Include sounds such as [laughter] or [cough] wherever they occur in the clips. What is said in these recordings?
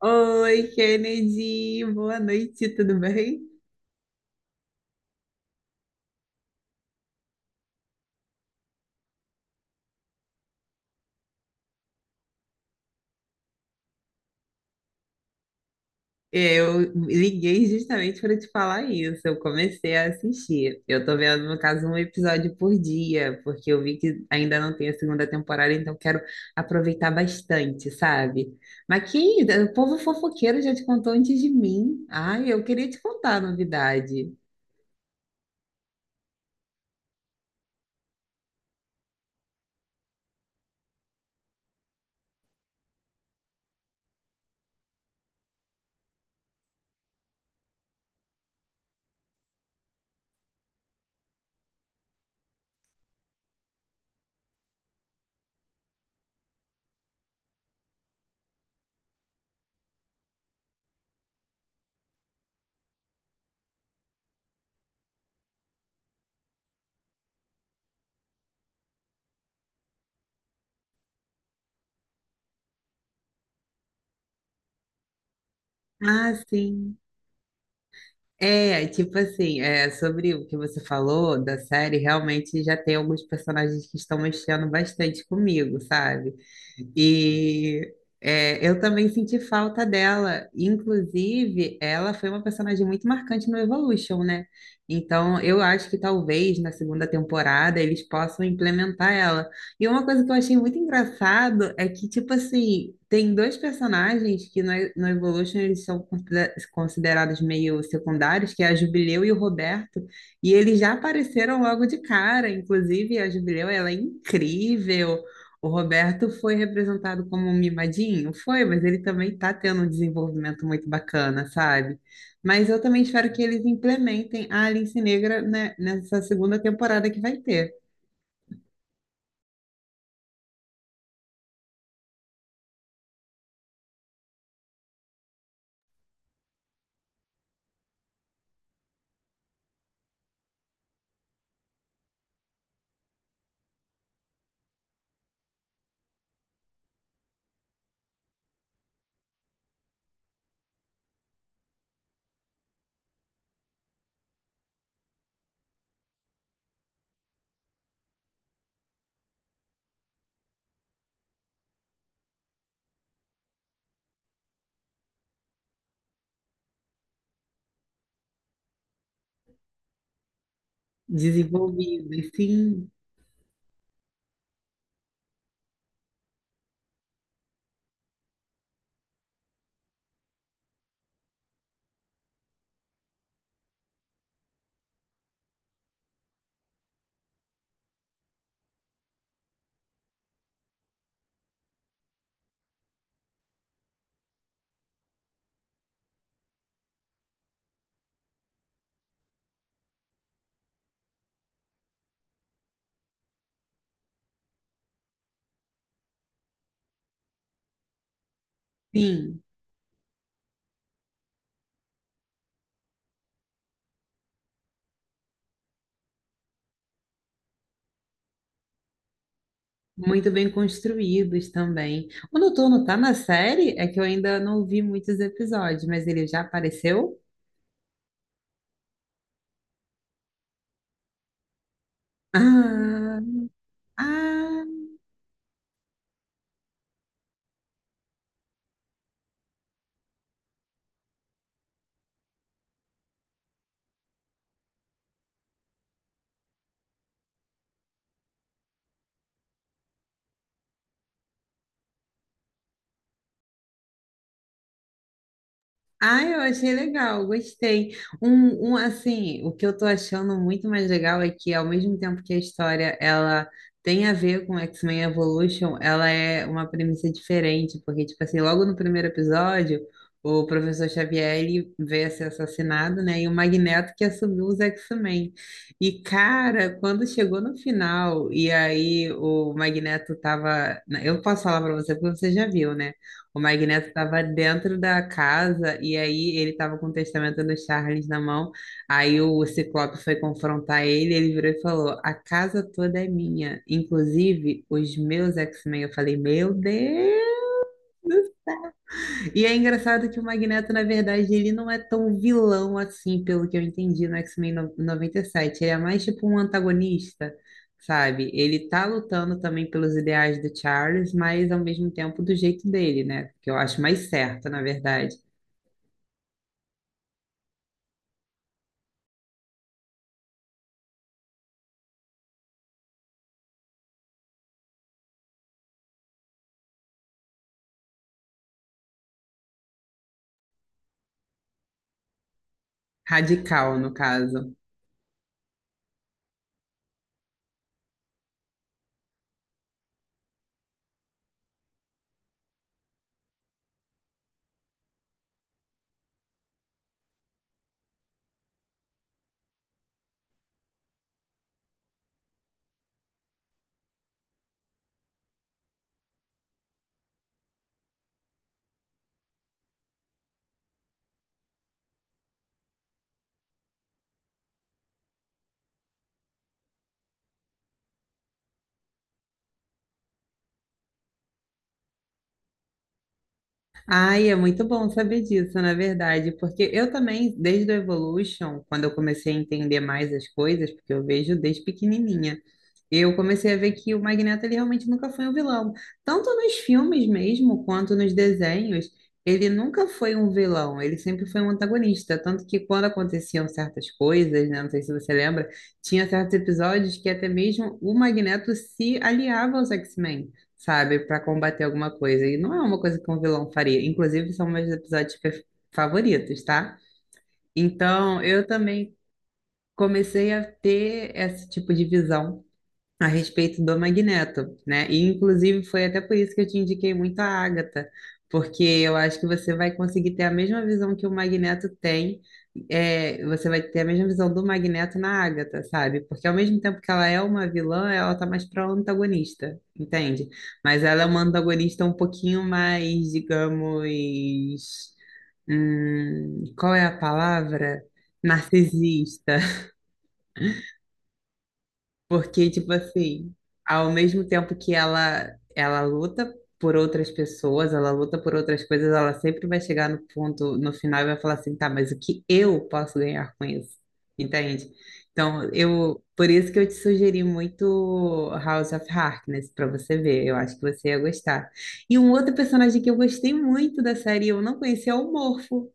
Oi, Kennedy, boa noite, tudo bem? Eu liguei justamente para te falar isso. Eu comecei a assistir. Eu tô vendo, no caso, um episódio por dia, porque eu vi que ainda não tem a segunda temporada, então quero aproveitar bastante, sabe? Mas que o povo fofoqueiro já te contou antes de mim. Ai, eu queria te contar a novidade. Ah, sim. Tipo assim, sobre o que você falou da série, realmente já tem alguns personagens que estão mexendo bastante comigo, sabe? E eu também senti falta dela. Inclusive, ela foi uma personagem muito marcante no Evolution, né? Então, eu acho que talvez na segunda temporada eles possam implementar ela. E uma coisa que eu achei muito engraçado é que, tipo assim, tem dois personagens que no, no Evolution eles são considerados meio secundários, que é a Jubileu e o Roberto, e eles já apareceram logo de cara. Inclusive, a Jubileu, ela é incrível. O Roberto foi representado como um mimadinho? Foi, mas ele também tá tendo um desenvolvimento muito bacana, sabe? Mas eu também espero que eles implementem a Alice Negra, né, nessa segunda temporada que vai ter. Desenvolvidos, sim, sim. Muito bem construídos também. O Noturno tá na série? É que eu ainda não vi muitos episódios, mas ele já apareceu? Ah, ah. Ah, eu achei legal, gostei. Assim, o que eu tô achando muito mais legal é que, ao mesmo tempo que a história ela tem a ver com X-Men Evolution, ela é uma premissa diferente, porque, tipo assim, logo no primeiro episódio, o professor Xavier ele veio a ser assassinado, né? E o Magneto que assumiu os X-Men. E, cara, quando chegou no final, e aí o Magneto tava. Eu posso falar pra você porque você já viu, né? O Magneto estava dentro da casa e aí ele estava com o testamento do Charles na mão. Aí o Ciclope foi confrontar ele, ele virou e falou: A casa toda é minha, inclusive os meus X-Men. Eu falei: Meu Deus! E é engraçado que o Magneto, na verdade, ele não é tão vilão assim, pelo que eu entendi no X-Men no- 97. Ele é mais tipo um antagonista, sabe? Ele tá lutando também pelos ideais do Charles, mas ao mesmo tempo do jeito dele, né? Que eu acho mais certo, na verdade. Radical, no caso. Ai, é muito bom saber disso, na verdade, porque eu também, desde o Evolution, quando eu comecei a entender mais as coisas, porque eu vejo desde pequenininha, eu comecei a ver que o Magneto ele realmente nunca foi um vilão. Tanto nos filmes mesmo, quanto nos desenhos, ele nunca foi um vilão, ele sempre foi um antagonista. Tanto que quando aconteciam certas coisas, né, não sei se você lembra, tinha certos episódios que até mesmo o Magneto se aliava aos X-Men, sabe, pra combater alguma coisa. E não é uma coisa que um vilão faria. Inclusive, são meus favoritos, tá? Então, eu também comecei a ter esse tipo de visão a respeito do Magneto, né? E inclusive foi até por isso que eu te indiquei muito a Agatha, porque eu acho que você vai conseguir ter a mesma visão que o Magneto tem, é, você vai ter a mesma visão do Magneto na Agatha, sabe? Porque ao mesmo tempo que ela é uma vilã, ela tá mais pra antagonista, entende? Mas ela é uma antagonista um pouquinho mais, digamos, qual é a palavra? Narcisista, porque, tipo assim, ao mesmo tempo ela luta por outras pessoas, ela luta por outras coisas, ela sempre vai chegar no ponto, no final, e vai falar assim, tá, mas o que eu posso ganhar com isso? Entende? Então, por isso que eu te sugeri muito House of Harkness, pra você ver, eu acho que você ia gostar. E um outro personagem que eu gostei muito da série, eu não conhecia, é o Morfo.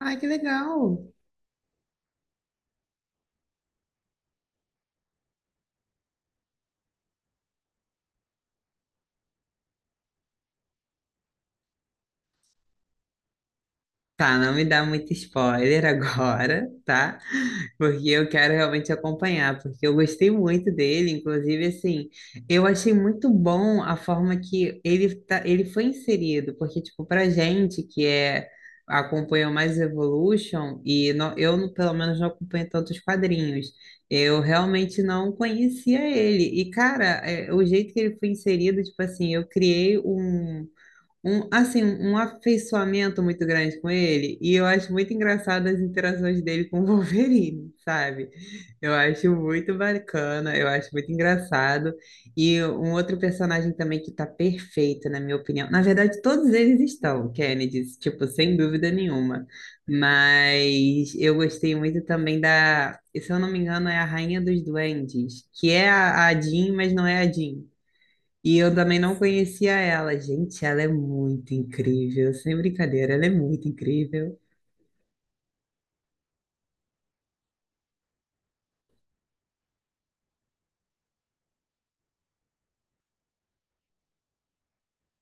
Ai, que legal! Tá, não me dá muito spoiler [laughs] agora, tá? Porque eu quero realmente acompanhar, porque eu gostei muito dele, inclusive, assim, eu achei muito bom a forma que ele, tá, ele foi inserido, porque, tipo, pra gente que é, acompanhou mais Evolution, e não- eu, não- pelo menos, não acompanho tantos quadrinhos, eu realmente não conhecia ele, e, cara, é, o jeito que ele foi inserido, tipo assim, eu criei um afeiçoamento muito grande com ele, e eu acho muito engraçado as interações dele com o [laughs] Wolverine, sabe? Eu acho muito bacana, eu acho muito engraçado. E um outro personagem também que tá perfeito, na minha opinião. Na verdade, todos eles estão, Kennedy, tipo, sem dúvida nenhuma. Mas eu gostei muito também se eu não me engano, é a Rainha dos Duendes, que é a Jean, mas não é a Jean. E eu também não conhecia ela. Gente, ela é muito incrível, sem brincadeira, ela é muito incrível.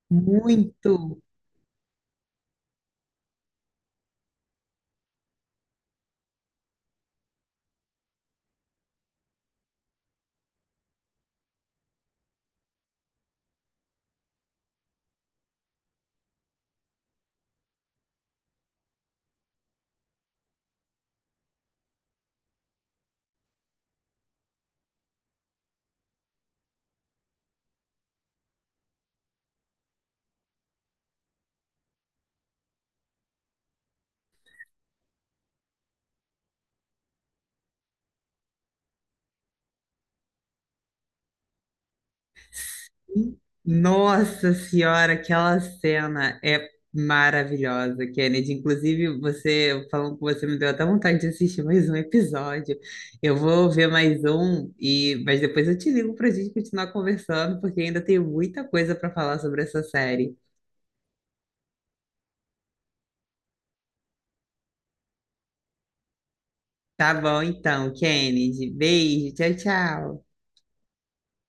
Muito! Nossa Senhora, aquela cena é maravilhosa, Kennedy. Inclusive, você falando com você me deu até vontade de assistir mais um episódio. Eu vou ver mais um, e mas depois eu te ligo para a gente continuar conversando, porque ainda tenho muita coisa para falar sobre essa série. Tá bom, então, Kennedy. Beijo, tchau, tchau.